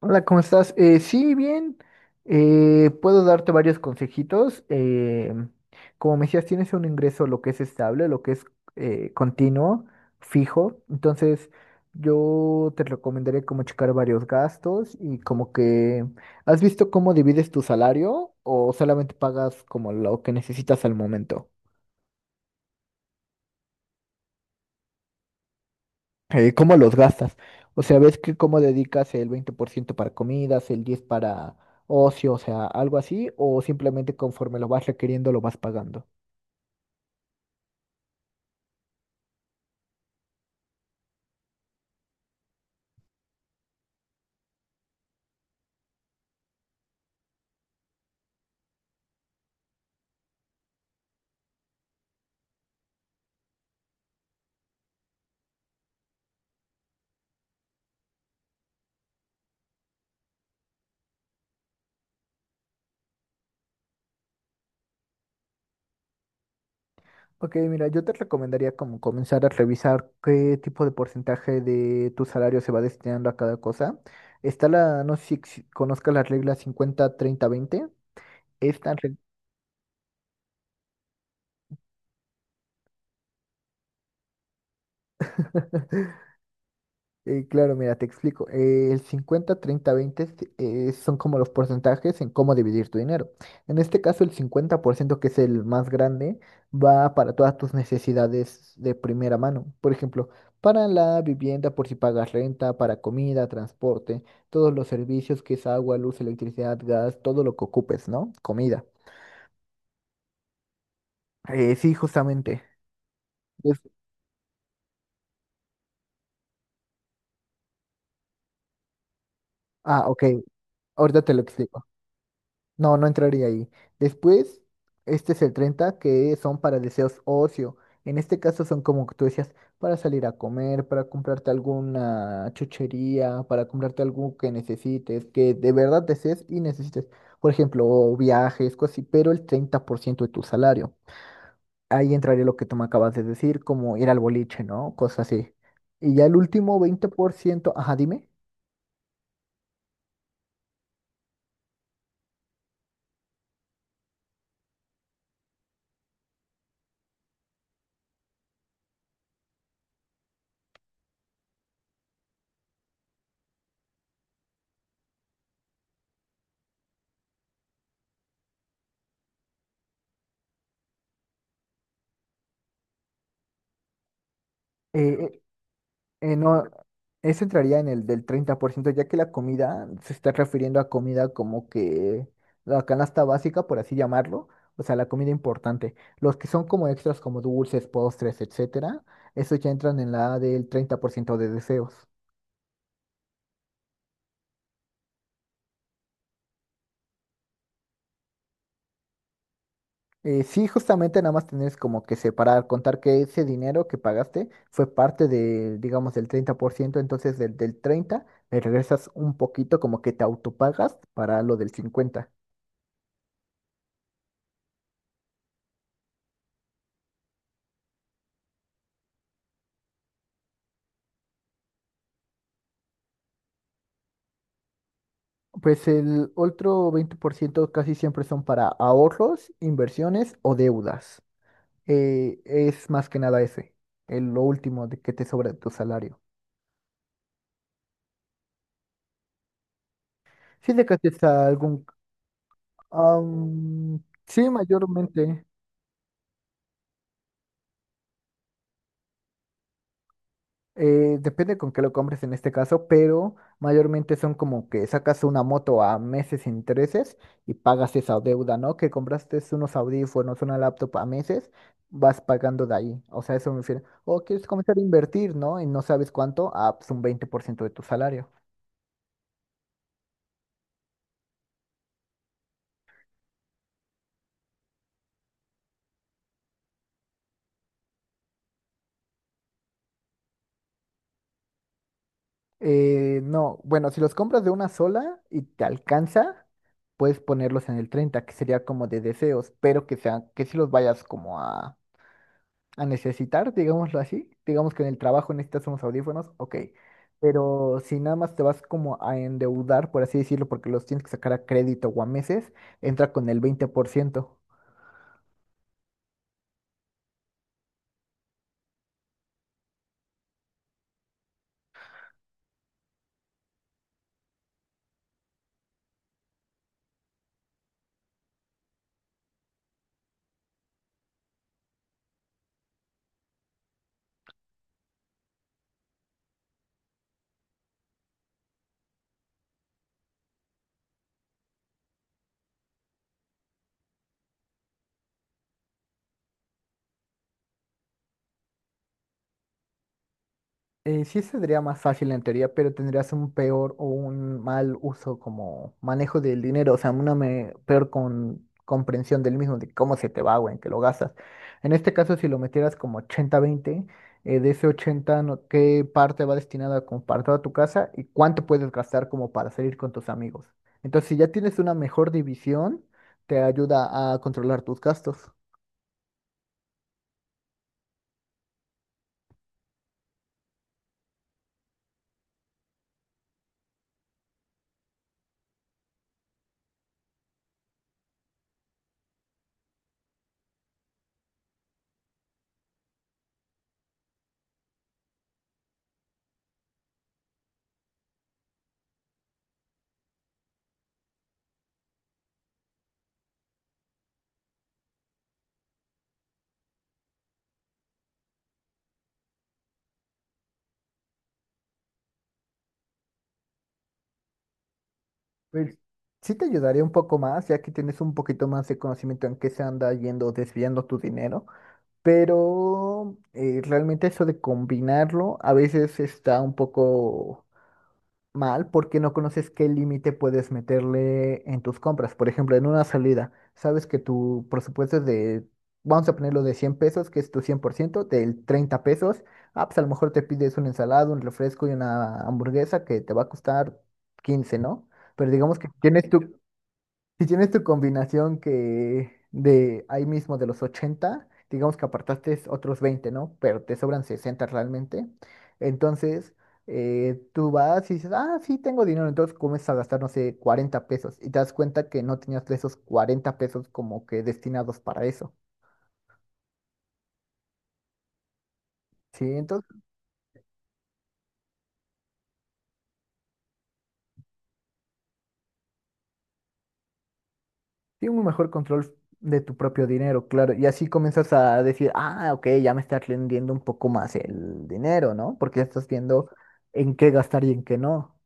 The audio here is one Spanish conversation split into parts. Hola, ¿cómo estás? Sí, bien. Puedo darte varios consejitos. Como me decías, tienes un ingreso lo que es estable, lo que es continuo, fijo. Entonces, yo te recomendaría como checar varios gastos y como que, ¿has visto cómo divides tu salario o solamente pagas como lo que necesitas al momento? Cómo los gastas. O sea, ves que cómo dedicas el 20% para comidas, el 10 para ocio, o sea, algo así, o simplemente conforme lo vas requiriendo lo vas pagando. Ok, mira, yo te recomendaría como comenzar a revisar qué tipo de porcentaje de tu salario se va destinando a cada cosa. Está la, no sé si conozcas la regla 50-30-20. Esta, re- claro, mira, te explico. El 50, 30, 20, son como los porcentajes en cómo dividir tu dinero. En este caso, el 50% que es el más grande, va para todas tus necesidades de primera mano. Por ejemplo, para la vivienda, por si pagas renta, para comida, transporte, todos los servicios que es agua, luz, electricidad, gas, todo lo que ocupes, ¿no? Comida. Sí, justamente. Es- Ah, ok. Ahorita te lo explico. No, no entraría ahí. Después, este es el 30 que son para deseos ocio. En este caso son como tú decías, para salir a comer, para comprarte alguna chuchería, para comprarte algo que necesites, que de verdad desees y necesites. Por ejemplo, viajes, cosas así, pero el 30% de tu salario. Ahí entraría lo que tú me acabas de decir, como ir al boliche, ¿no? Cosas así. Y ya el último 20%, ajá, dime. Eh, no, eso entraría en el del 30% ya que la comida se está refiriendo a comida como que la canasta básica, por así llamarlo, o sea, la comida importante. Los que son como extras, como dulces, postres, etcétera, esos ya entran en la del 30% de deseos. Sí, justamente nada más tienes como que separar, contar que ese dinero que pagaste fue parte de, digamos, del 30% entonces del 30 le regresas un poquito, como que te autopagas para lo del 50. Pues el otro 20% casi siempre son para ahorros, inversiones o deudas. Es más que nada ese, el, lo último de que te sobra de tu salario. Si le gastes a algún. am, sí, mayormente. Depende con qué lo compres en este caso, pero mayormente son como que sacas una moto a meses sin intereses y pagas esa deuda, ¿no? Que compraste unos audífonos, una laptop a meses, vas pagando de ahí. O sea, eso me refiero. O quieres comenzar a invertir, ¿no? Y no sabes cuánto, ah, pues un 20% de tu salario. No, bueno, si los compras de una sola y te alcanza, puedes ponerlos en el 30 que sería como de deseos, pero que sean, que si los vayas como a necesitar, digámoslo así. Digamos que en el trabajo necesitas unos audífonos, ok. Pero si nada más te vas como a endeudar, por así decirlo, porque los tienes que sacar a crédito o a meses, entra con el 20%. Sí sería más fácil en teoría, pero tendrías un peor o un mal uso como manejo del dinero, o sea, una peor con comprensión del mismo, de cómo se te va o en qué lo gastas. En este caso, si lo metieras como 80-20, de ese 80, ¿qué parte va destinada a compartir a tu casa y cuánto puedes gastar como para salir con tus amigos? Entonces, si ya tienes una mejor división, te ayuda a controlar tus gastos. Pues sí te ayudaría un poco más, ya que tienes un poquito más de conocimiento en qué se anda yendo, desviando tu dinero, pero realmente eso de combinarlo a veces está un poco mal porque no conoces qué límite puedes meterle en tus compras. Por ejemplo, en una salida, sabes que tu presupuesto es de, vamos a ponerlo de 100 pesos, que es tu 100% del 30 pesos, ah, pues a lo mejor te pides una ensalada, un refresco y una hamburguesa que te va a costar 15, ¿no? Pero digamos que tienes si tienes tu combinación que de ahí mismo de los 80 digamos que apartaste otros 20, ¿no? Pero te sobran 60 realmente. Entonces, tú vas y dices, ah, sí, tengo dinero. Entonces comienzas a gastar, no sé, 40 pesos. Y te das cuenta que no tenías esos 40 pesos como que destinados para eso. Sí, entonces tiene un mejor control de tu propio dinero, claro. Y así comienzas a decir, ah, ok, ya me está rindiendo un poco más el dinero, ¿no? Porque ya estás viendo en qué gastar y en qué no.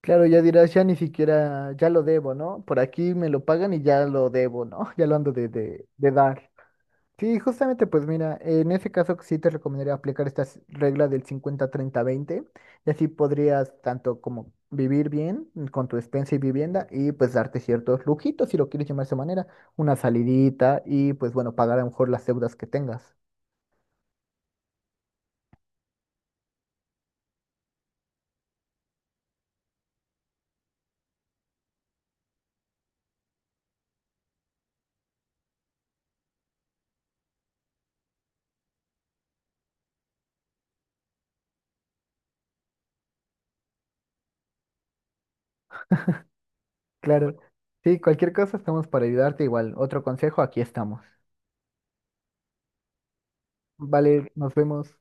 Claro, ya dirás, ya ni siquiera, ya lo debo, ¿no? Por aquí me lo pagan y ya lo debo, ¿no? Ya lo ando de, dar. Sí, justamente, pues mira, en ese caso sí te recomendaría aplicar esta regla del 50-30-20 y así podrías tanto como vivir bien con tu despensa y vivienda y pues darte ciertos lujitos, si lo quieres llamar de esa manera, una salidita y pues bueno, pagar a lo mejor las deudas que tengas. Claro, sí, cualquier cosa estamos para ayudarte igual. Otro consejo, aquí estamos. Vale, nos vemos.